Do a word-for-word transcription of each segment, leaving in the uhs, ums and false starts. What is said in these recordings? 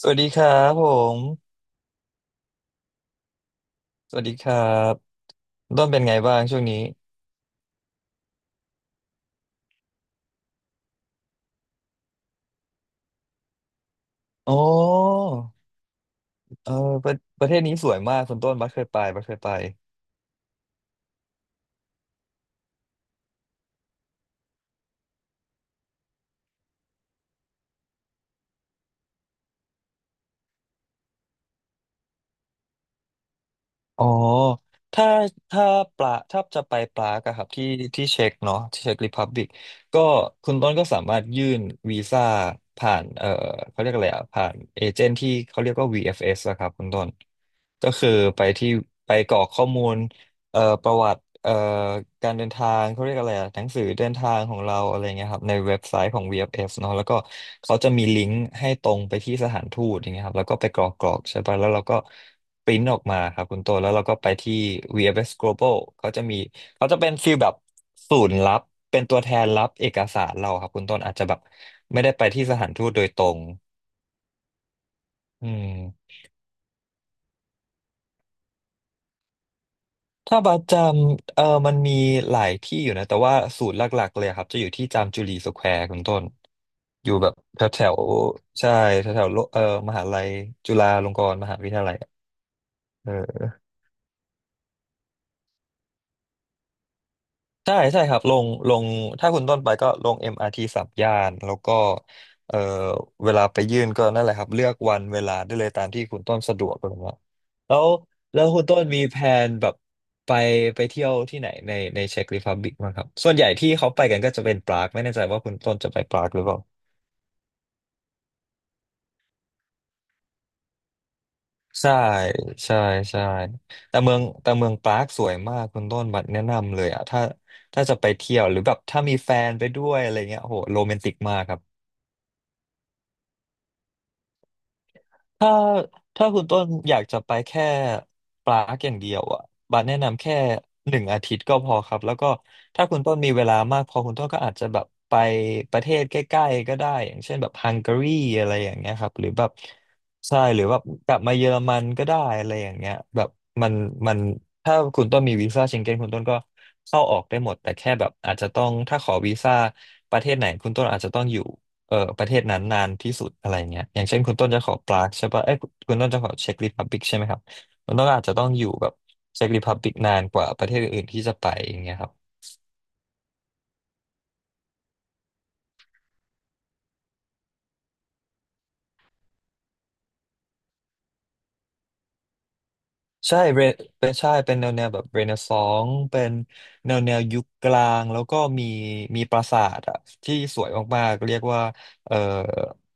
สวัสดีครับผมสวัสดีครับต้นเป็นไงบ้างช่วงนี้อ๋อเออประประเทศนี้สวยมากคุณต้นบัสเคยไปบัสเคยไปอ๋อถ้าถ้าปลาถ้าจะไปปลากอะครับที่ที่เช็กเนาะที่เช็กริพับบิกก็คุณต้นก็สามารถยื่นวีซ่าผ่านเออเขาเรียกอะไรอะผ่านเอเจนต์ที่เขาเรียกว่า วี เอฟ เอส อฟเอสอะครับคุณต้นก็คือไปที่ไปกรอกข้อมูล เอ่อประวัติเอ่อการเดินทางเขาเรียกอะไรอะหนังสือเดินทางของเราอะไรเงี้ยครับในเว็บไซต์ของ วี เอฟ เอส เอฟเอฟเนาะแล้วก็เขาจะมีลิงก์ให้ตรงไปที่สถานทูตอย่างเงี้ยครับแล้วก็ไปกรอกกรอกใช่ปะแล้วเราก็ปริ้นออกมาครับคุณโตวแล้วเราก็ไปที่ วี เอฟ เอส Global เขาจะมีเขาจะเป็นฟีลแบบศูนย์รับเป็นตัวแทนรับเอกสารเราครับคุณต้นอาจจะแบบไม่ได้ไปที่สถานทูตโดยตรงอืม ถ้าบัสจำเออมันมีหลายที่อยู่นะแต่ว่าศูนย์หลักๆเลยครับจะอยู่ที่จามจุรีสแควร์คุณต้นอยู่แบบแถวแถวใช่แถวแถวโลเออมหาลัยจุฬาลงกรณ์มหาวิทยาลัยอะเออ ใช่ใช่ครับลงลงถ้าคุณต้นไปก็ลง เอ็ม อาร์ ที สามย่านแล้วก็เอ่อเวลาไปยื่นก็นั่นแหละครับเลือกวันเวลาได้เลยตามที่คุณต้นสะดวกเลยว่าแล้วแล้วคุณต้นมีแผนแบบไปไปเที่ยวที่ไหนในในเช็กรีพับลิกบ้างครับส่วนใหญ่ที่เขาไปกันก็จะเป็นปรากไม่แน่ใจว่าคุณต้นจะไปปรากหรือเปล่าใช่ใช่ใช่แต่เมืองแต่เมืองปรากสวยมากคุณต้นบัดแนะนำเลยอ่ะถ้าถ้าจะไปเที่ยวหรือแบบถ้ามีแฟนไปด้วยอะไรเงี้ยโอ้โหโรแมนติกมากครับ ถ้าถ้าคุณต้นอยากจะไปแค่ปลาร์กอย่างเดียวอ่ะบาสแนะนำแค่หนึ่งอาทิตย์ก็พอครับแล้วก็ถ้าคุณต้นมีเวลามากพอคุณต้นก็อาจจะแบบไปประเทศใกล้ๆก็ได้อย่างเช่นแบบฮังการีอะไรอย่างเงี้ยครับหรือแบบใช่หรือแบบกลับมาเยอรมันก็ได้อะไรอย่างเงี้ยแบบมันมันถ้าคุณต้นมีวีซ่าเชงเก้นคุณต้นก็เข้าออกได้หมดแต่แค่แบบอาจจะต้องถ้าขอวีซ่าประเทศไหนคุณต้นอาจจะต้องอยู่ เอ่อประเทศนั้นนานที่สุดอะไรเงี้ยอย่างเช่นคุณต้นจะขอปรากใช่ปะเอ้ยคุณต้นจะขอเช็กริพับบิกใช่ไหมครับคุณต้นอาจจะต้องอยู่แบบเช็กริพับบิกนานกว่าประเทศอื่นๆที่จะไปอย่างเงี้ยครับ ใช่เรเป็นใช่เป็นแนวแนวแบบเรเนซองส์เป็นแนวแนวยุคกลางแล้วก็มีมีปราสาทอะที่สวยมากๆเรียกว่าเอ่อ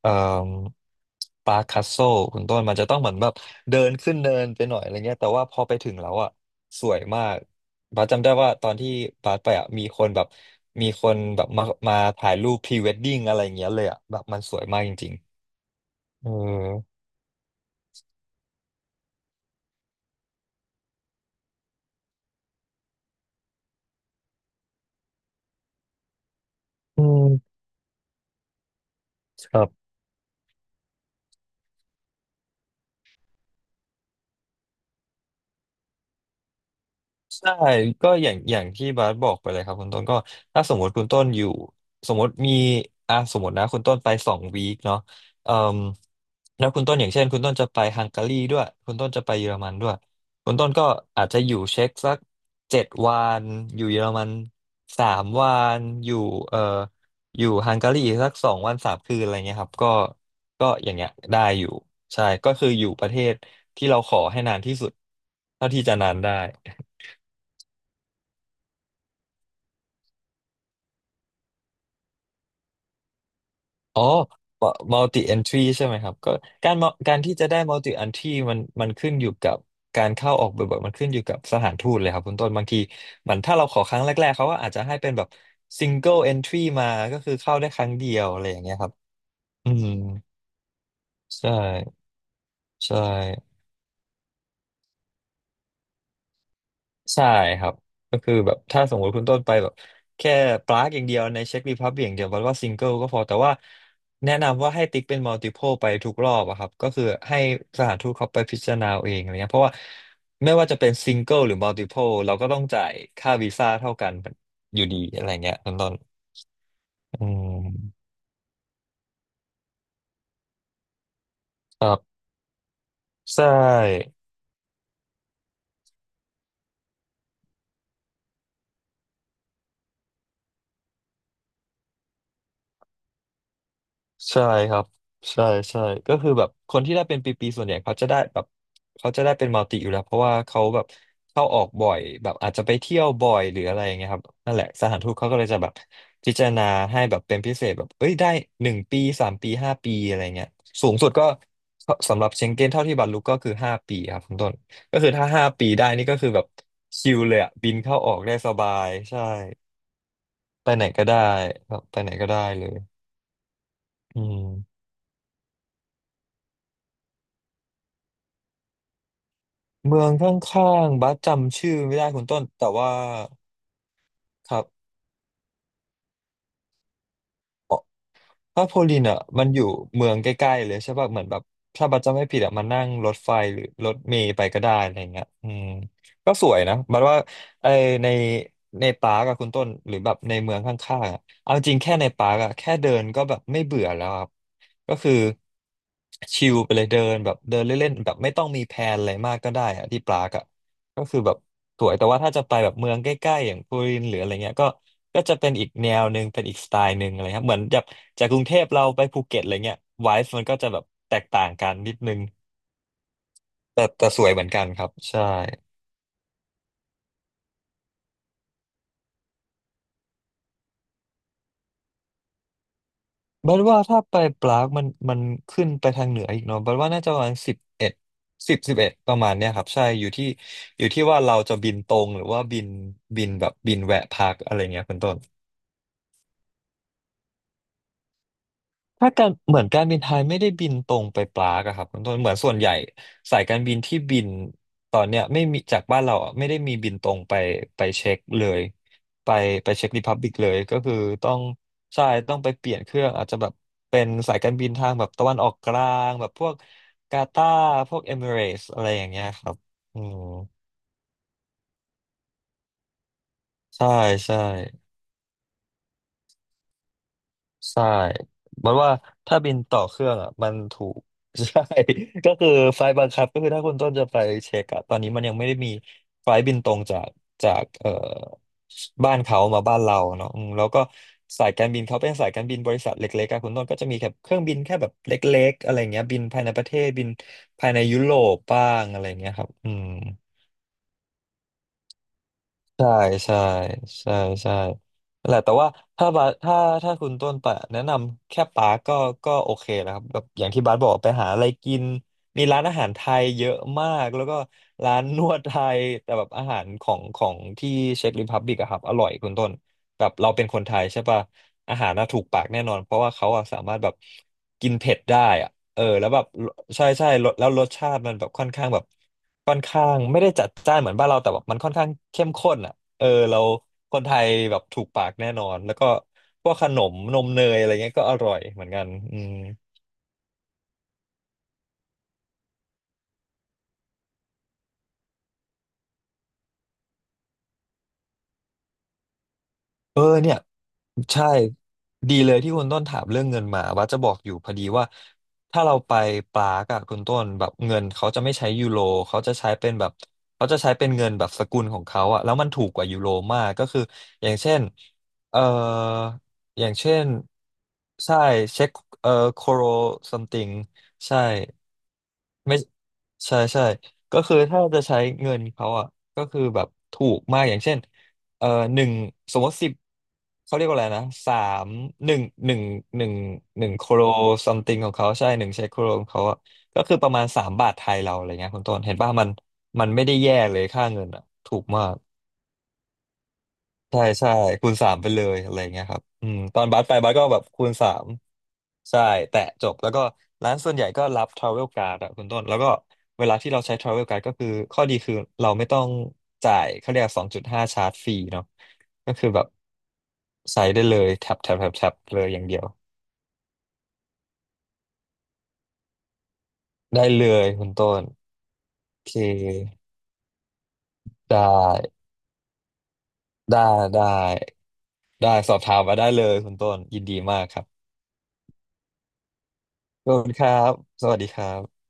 เอ่อปาคัสโซคุณต้นมันจะต้องเหมือนแบบเดินขึ้นเนินไปหน่อยอะไรเงี้ยแต่ว่าพอไปถึงแล้วอะสวยมากบาสจำได้ว่าตอนที่บาสไปอะมีคนแบบมีคนแบบมามาถ่ายรูปพรีเวดดิ้งอะไรอย่างเงี้ยเลยอะแบบมันสวยมากจริงๆเอออืมครับ ใช่ก็อย่างอย่างที่บาสบอกไปเลยครับคุณต้นก็ถ้าสมมติคุณต้นอยู่สมมติมีอ่ะสมมตินะคุณต้นไปสองวีคเนาะเอ่มแล้วคุณต้นอย่างเช่นคุณต้นจะไปฮังการีด้วยคุณต้นจะไปเยอรมันด้วยคุณต้นก็อาจจะอยู่เช็กสักเจ็ดวันอยู่เยอรมันสามวันอยู่เอ่ออยู่ฮังการีอีกสักสองวันสามคืนอะไรเงี้ยครับก็ก็อย่างเงี้ยได้อยู่ใช่ก็คืออยู่ประเทศที่เราขอให้นานที่สุดเท่าที่จะนานได้ อ๋อ multi entry ใช่ไหมครับก็การการที่จะได้ multi entry มันมันขึ้นอยู่กับการเข้าออกบ่อยๆมันขึ้นอยู่กับสถานทูตเลยครับคุณต้นบางทีมันถ้าเราขอครั้งแรกๆเขาก็อาจจะให้เป็นแบบ single entry มาก็คือเข้าได้ครั้งเดียวอะไรอย่างเงี้ยครับอืมใช่ใช่ ใช่ครับก็คือแบบถ้าสมมติคุณต้นไปแบบแค่ปลากอย่างเดียวในเช็ครีพับ l ิกอย่างเดียวมันว่าซิงเกิลก็พอแต่ว่าแนะนำว่าให้ติ๊กเป็นมัลติ p l e ไปทุกรอบอะครับก็คือให้สถานทูตเขาไปพิจารณาเอาเองอะไรเงี้ยเพราะว่าไม่ว่าจะเป็นซิงเกิลหรือมัลติ p l e เราก็ต้องจ่ายค่าวีซ่าเท่ากันอยู่ดีอะไรเงี้ยต้นต้นอืมครับใช่ ใช่ครับใช่ใช่ก็คือแบบคนที่ได้เป็นปีๆส่วนใหญ่เขาจะได้แบบเขาจะได้เป็นมัลติอยู่แล้วเพราะว่าเขาแบบเข้าออกบ่อยแบบอาจจะไปเที่ยวบ่อยหรืออะไรอย่างเงี้ยครับนั่นแหละสถานทูตเขาก็เลยจะแบบพิจารณาให้แบบเป็นพิเศษแบบเอ้ยได้หนึ่งปีสามปีห้าปีอะไรเงี้ยสูงสุดก็สำหรับเชงเก้นเท่าที่บรรลุก็คือห้าปีครับคุณต้นก็คือถ้าห้าปีได้นี่ก็คือแบบชิลเลยอะบินเข้าออกได้สบายใช่ไปไหนก็ได้แบบไปไหนก็ได้เลยอืม เมืองข้างๆบัสจำชื่อไม่ได้คุณต้นแต่ว่าครับอ๋อพ้าโพลินอ่ะมันอยู่เมืองใกล้ๆเลยใช่ป่ะเหมือนแบบถ้าบัสจำไม่ผิดอ่ะมันนั่งรถไฟหรือรถเมล์ไปก็ได้อะไรเงี้ยอืมก็สวยนะบัสว่าไอในในปาร์กอะคุณต้นหรือแบบในเมืองข้างๆอะเอาจริงแค่ในปาร์กอะแค่เดินก็แบบไม่เบื่อแล้วครับก็คือชิลไปเลยเดินแบบเดินเล่นๆแบบไม่ต้องมีแพลนอะไรมากก็ได้อะที่ปาร์กอะก็คือแบบ สวยแต่ว่าถ้าจะไปแบบเมืองใกล้ๆอย่างปูรินหรืออะไรเงี้ยก็ก็จะเป็นอีกแนวหนึ่งเป็นอีกสไตล์หนึ่งอะไรครับเหมือนจากจากกรุงเทพเราไปภูเก็ตอะไรเงี้ยไวฟ์มันก็จะแบบแตกต่างกันนิดนึงแต่แต่สวยเหมือนกันครับใช่บัดว่าถ้าไปปรากมันมันขึ้นไปทางเหนืออีกเนาะบัดว่าน่าจะประมาณสิบเอ็ดสิบสิบเอ็ดประมาณเนี้ยครับใช่อยู่ที่อยู่ที่ว่าเราจะบินตรงหรือว่าบินบินแบบบินแวะพักอะไรเงี้ยเป็นต้น ถ้าการเหมือนการบินไทยไม่ได้บินตรงไปปรากอะครับคุณต้นเหมือนส่วนใหญ่สายการบินที่บินตอนเนี้ยไม่มีจากบ้านเราอะไม่ได้มีบินตรงไปไปเช็คเลยไปไปเช็คริพับบิกเลยก็คือต้องใช่ต้องไปเปลี่ยนเครื่องอาจจะแบบเป็นสายการบินทางแบบตะวันออกกลางแบบพวกกาตาร์พวกเอมิเรตส์อะไรอย่างเงี้ยครับอืมใช่ใช่ ใช่มันว่าถ้าบินต่อเครื่องอ่ะมันถูก ใช่ก็คือไฟล์บังคับก็คือถ้าคุณต้นจะไปเช็คอะตอนนี้มันยังไม่ได้มีไฟล์บินตรงจากจากเอ่อบ้านเขามาบ้านเราเนาะอืมแล้วก็สายการบินเขาเป็นสายการบินบริษัทเล็กๆอะคุณต้นก็จะมีแค่เครื่องบินแค่แบบเล็กๆอะไรเงี้ยบินภายในประเทศบินภายในยุโรปบ้างอะไรเงี้ยครับอืม ใช่ใช่ใช่ใช่นั่นแหละแต่ว่าถ้าบาสถ้าถ้าคุณต้นไปแนะนำแค่ปาร์กก็ก็โอเคนะครับแบบอย่างที่บาสบอกไปหาอะไรกินมีร้านอาหารไทยเยอะมากแล้วก็ร้านนวดไทยแต่แบบอาหารของของที่เช็กริพับบิกอะครับอร่อยคุณต้นแบบเราเป็นคนไทยใช่ปะอาหารน่าถูกปากแน่นอนเพราะว่าเขาอะสามารถแบบกินเผ็ดได้อะเออแล้วแบบใช่ใช่แล้วรสชาติมันแบบค่อนข้างแบบ ค่อนข้างไม่ได้จัดจ้านเหมือนบ้านเราแต่แบบมันค่อนข้างเข้มข้นอ่ะเออเราคนไทยแบบถูกปากแน่นอนแล้วก็พวกขนมนมเนยอะไรเงี้ยก็อร่อยเหมือนกันอืมเออเนี่ย ใช่ดีเลยที่คุณต้นถามเรื่องเงินมาว่าจะบอกอยู่พอดีว่าถ้าเราไปปรากอะคุณต้นแบบเงินเขาจะไม่ใช้ยูโรเขาจะใช้เป็นแบบเขาจะใช้เป็นเงินแบบสกุลของเขาอะแล้วมันถูกกว่ายูโรมากก็คืออย่างเช่นเอ่ออย่างเช่นใช่เช็คเอ่อโคโร something ใช่ ไม่ใช่ใช่ก็คือถ้าจะใช้เงินเขาอ่ะก็คือแบบถูกมากอย่างเช่นเอ่อหนึ่งสมมติสิบเขาเรียกว่าอะไรนะสามหนึ่งหนึ่งหนึ่งหนึ่งโคโรซัมติงของเขาใช่หนึ่งใช้โคโรของเขาอ่ะก็คือประมาณสามบาทไทยเราอะไรเงี้ยคุณต้นเห็นป่ะมันมันไม่ได้แย่เลยค่าเงินอ่ะถูกมาก ใช่ใช่คูณสามไปเลยอะไรเงี้ยครับอืมตอนบัสไปบัสก็แบบคูณสามใช่แตะจบแล้วก็ร้านส่วนใหญ่ก็รับทราเวลการ์ดอะคุณต้นแล้วก็เวลาที่เราใช้ทราเวลการ์ดก็คือข้อดีคือเราไม่ต้องจ่ายเขาเรียกสองจุดห้าชาร์จฟรีเนาะก็คือแบบใช้ได้เลยแท็บแท็บแท็บแท็บเลยอย่างเดียวได้เลยคุณต้นโอเคได้ได้ได้ได้สอบถามมาได้เลยคุณต้นยินดีมากครับขอบคุณครับสวัสดีครับ